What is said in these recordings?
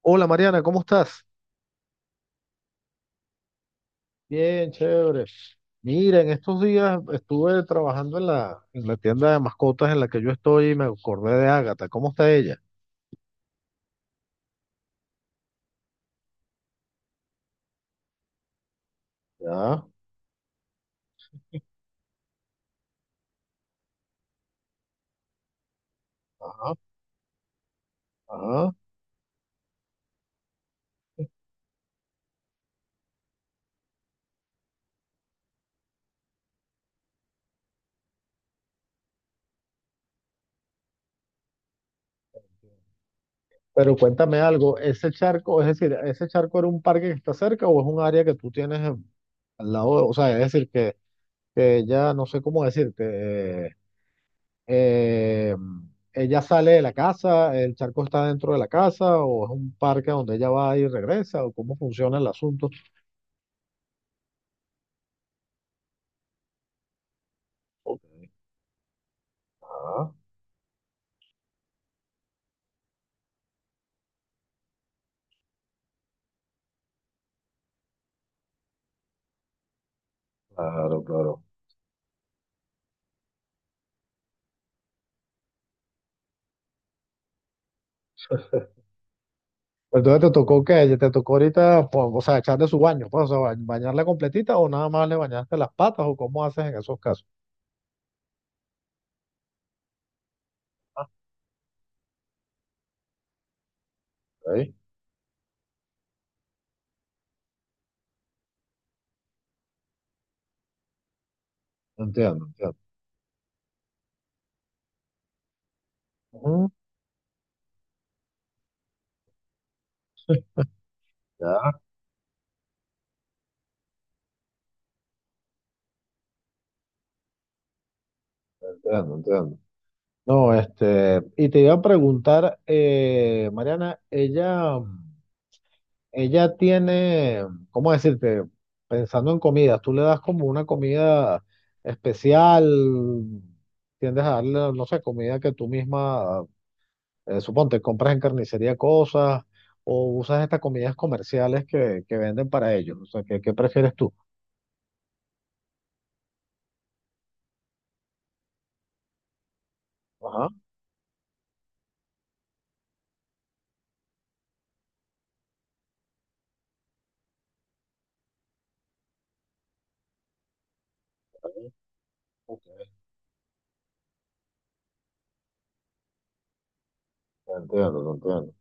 Hola Mariana, ¿cómo estás? Bien, chévere. Mira, en estos días estuve trabajando en la tienda de mascotas en la que yo estoy y me acordé de Ágata. ¿Cómo está ella? Ya, ajá, ajá. Pero cuéntame algo, ¿ese charco, es decir, ese charco era un parque que está cerca o es un área que tú tienes al lado? O sea, es decir, que ella, no sé cómo decirte, eh, eh, ella sale de la casa, ¿el charco está dentro de la casa o es un parque donde ella va y regresa o cómo funciona el asunto? Ah, claro, claro. Entonces te tocó ahorita, o sea, echarle su baño, pues, o sea, ¿bañarla completita o nada más le bañaste las patas, o cómo haces en esos casos? Ah, ahí, entiendo, entiendo. Ujú, ya, entiendo, entiendo. No, este, y te iba a preguntar, Mariana, ella tiene, ¿cómo decirte? Pensando en comida, ¿tú le das como una comida especial, tiendes a darle, no sé, comida que tú misma, suponte, compras en carnicería cosas, o usas estas comidas comerciales que venden para ellos? O sea, ¿qué, qué prefieres tú? Ajá. Ok, te entiendo, te entiendo.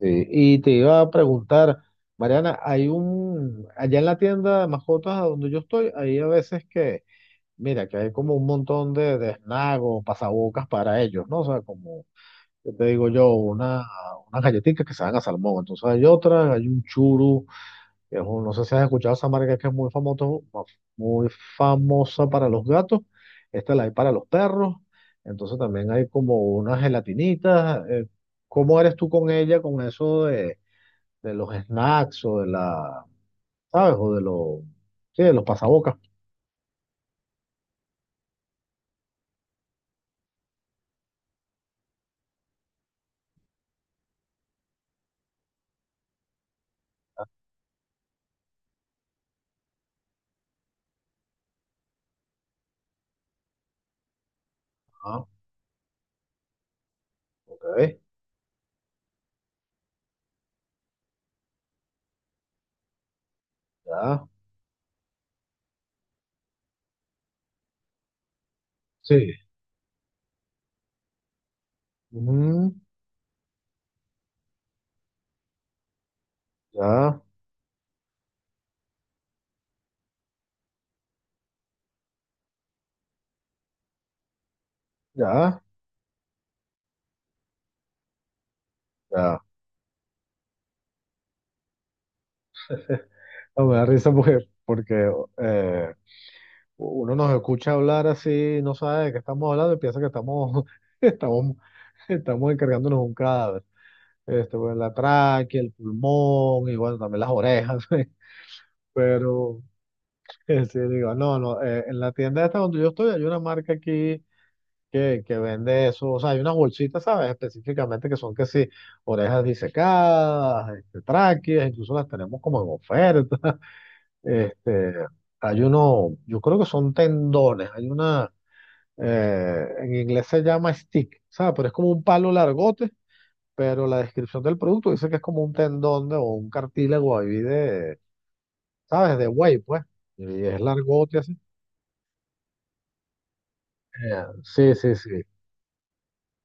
Sí, y te iba a preguntar, Mariana, hay un, allá en la tienda de mascotas a donde yo estoy, hay a veces que, mira, que hay como un montón de snacks o pasabocas para ellos, ¿no? O sea, como, ¿qué te digo yo? Una, unas galletitas que se dan a salmón, entonces hay otras, hay un churu, no sé si has escuchado esa marca, que es muy famoso, muy famosa para los gatos. Esta la hay para los perros. Entonces también hay como unas gelatinitas. ¿Cómo eres tú con ella, con eso de los snacks o de la, ¿sabes? O de los, sí, de los pasabocas? Ah, ok, ya, sí. Ujú, ya, ya, ya. No, me da risa porque, porque eh, uno nos escucha hablar así, no sabe de qué estamos hablando y piensa que estamos, estamos, estamos encargándonos un cadáver. Este, pues, la tráquea, el pulmón y bueno, también las orejas. Pero este, digo, no, no, en la tienda esta donde yo estoy hay una marca aquí que vende eso. O sea, hay unas bolsitas, ¿sabes? Específicamente que son, que sí, orejas disecadas, este, tráqueas, incluso las tenemos como en oferta. Este, hay uno, yo creo que son tendones, hay una. En inglés se llama stick, ¿sabes? Pero es como un palo largote, pero la descripción del producto dice que es como un tendón o un cartílago ahí de, ¿sabes? De buey, pues. Y es largote así. Sí, sí, sí.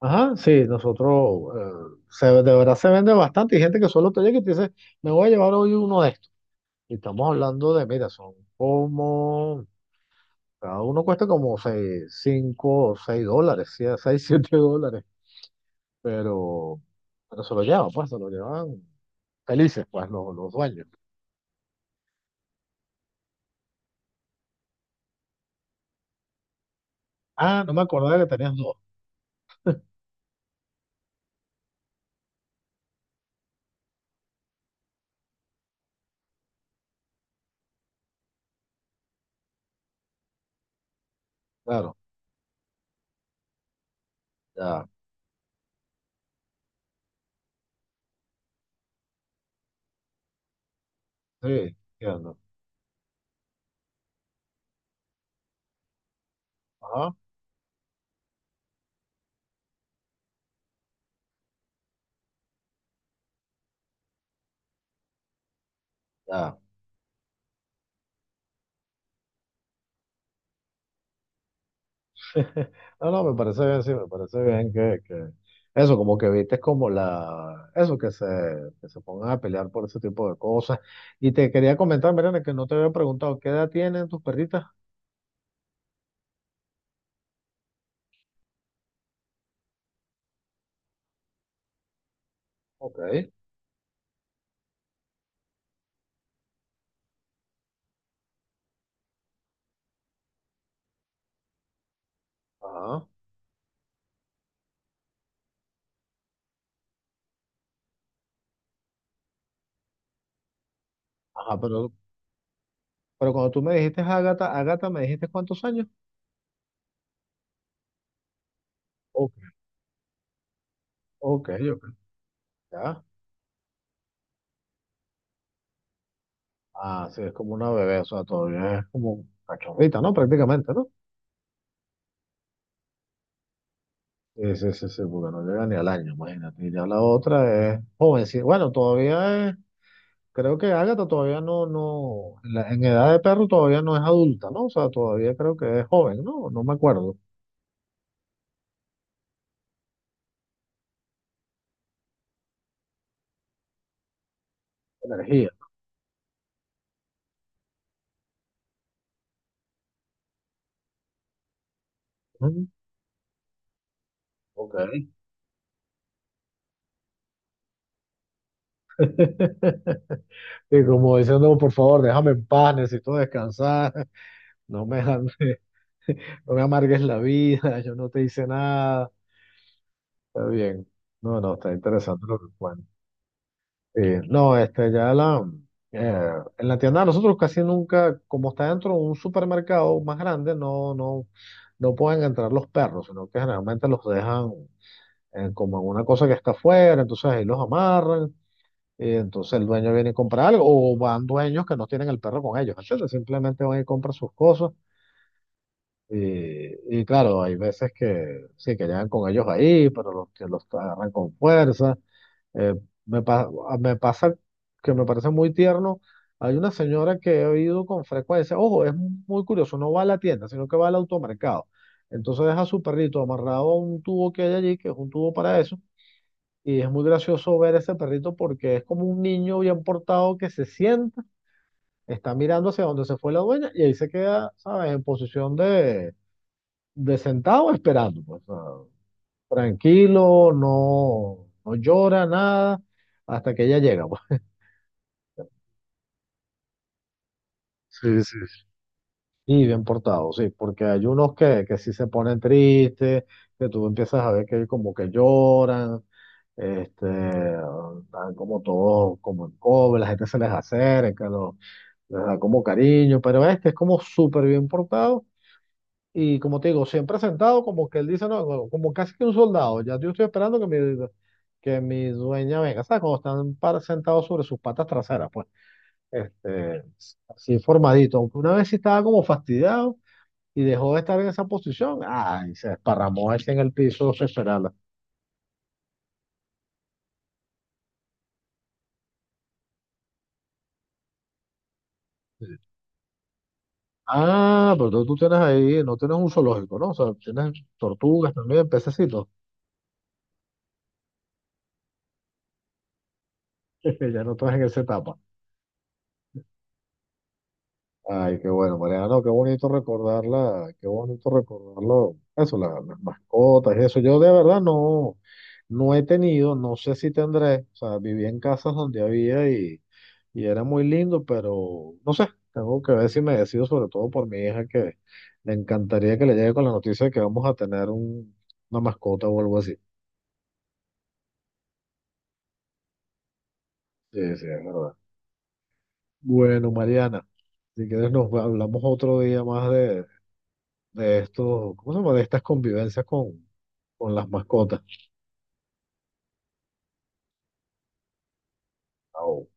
Ajá, sí, nosotros, se, de verdad se vende bastante, y gente que solo te llega y te dice, me voy a llevar hoy uno de estos. Y estamos hablando de, mira, son como, cada uno cuesta como seis, 5 o 6 dólares, sí, 6, 7 dólares, pero, pero se lo llevan, pues, se lo llevan felices, pues, los dueños. Ah, no me acordaba que tenías dos. Claro, ya, sí, entiendo. Ajá, ya. No, no, me parece bien, sí, me parece bien que eso, como que viste como la, eso, que se pongan a pelear por ese tipo de cosas. Y te quería comentar, Mariana, que no te había preguntado, ¿qué edad tienen tus perritas? Ok, ajá, ajá, pero cuando tú me dijiste Ágata, Ágata, ¿me dijiste cuántos años? Ok, ok, ok, ya. Ah, sí, es como una bebé, o sea, todavía es como cachorrita, ¿no? Prácticamente, ¿no? Sí, sí, sí, sí, porque no llega ni al año, imagínate. Y ya la otra es jovencita. Bueno, todavía es, creo que Ágata todavía no, no, en, en edad de perro todavía no es adulta, ¿no? O sea, todavía creo que es joven, ¿no? No me acuerdo. Energía. Ujú, ok. Y como diciendo, por favor, déjame en paz, necesito descansar, no me amargues la vida, yo no te hice nada. Está bien. No, no, está interesante lo que cuenta. No, este, ya la, eh, en la tienda de nosotros casi nunca, como está dentro de un supermercado más grande, no, no, no pueden entrar los perros, sino que generalmente los dejan como en una cosa que está afuera, entonces ahí los amarran, y entonces el dueño viene y compra algo, o van dueños que no tienen el perro con ellos, entonces simplemente van y compran sus cosas. Y claro, hay veces que sí, que llegan con ellos ahí, pero los que los agarran con fuerza. Eh, me pasa que me parece muy tierno. Hay una señora que he oído con frecuencia, ojo, es muy curioso, no va a la tienda, sino que va al automercado. Entonces deja a su perrito amarrado a un tubo que hay allí, que es un tubo para eso, y es muy gracioso ver ese perrito porque es como un niño bien portado que se sienta, está mirando hacia donde se fue la dueña y ahí se queda, ¿sabes?, en posición de sentado esperando, pues, ah, tranquilo, no, no llora nada hasta que ella llega, pues. Sí, sí. Y bien portado, sí, porque hay unos que sí se ponen tristes, que tú empiezas a ver que como que lloran, este, están como todos como en cobre, la gente se les acerca, los, les da como cariño, pero este es como súper bien portado, y como te digo, siempre sentado, como que él dice, no, como como casi que un soldado, ya yo estoy esperando que mi dueña venga, ¿sabes? Cuando están sentados sobre sus patas traseras, pues este, así formadito, aunque una vez sí estaba como fastidiado y dejó de estar en esa posición, ay, se desparramó ese en el piso esperarla. Ah, pero tú tienes ahí, no tienes un zoológico, ¿no? O sea, tienes tortugas también, pececitos. Ya no estás en esa etapa. Ay, qué bueno, Mariano, qué bonito recordarla, qué bonito recordarlo. Eso, las mascotas y eso. Yo de verdad no, no he tenido, no sé si tendré. O sea, viví en casas donde había, y era muy lindo, pero no sé, tengo que ver si me decido sobre todo por mi hija, que le encantaría que le llegue con la noticia de que vamos a tener una mascota o algo así. Sí, sí, es verdad. Bueno, Mariana, si quieres nos hablamos otro día más de estos, ¿cómo se llama? De estas convivencias con las mascotas. Chao.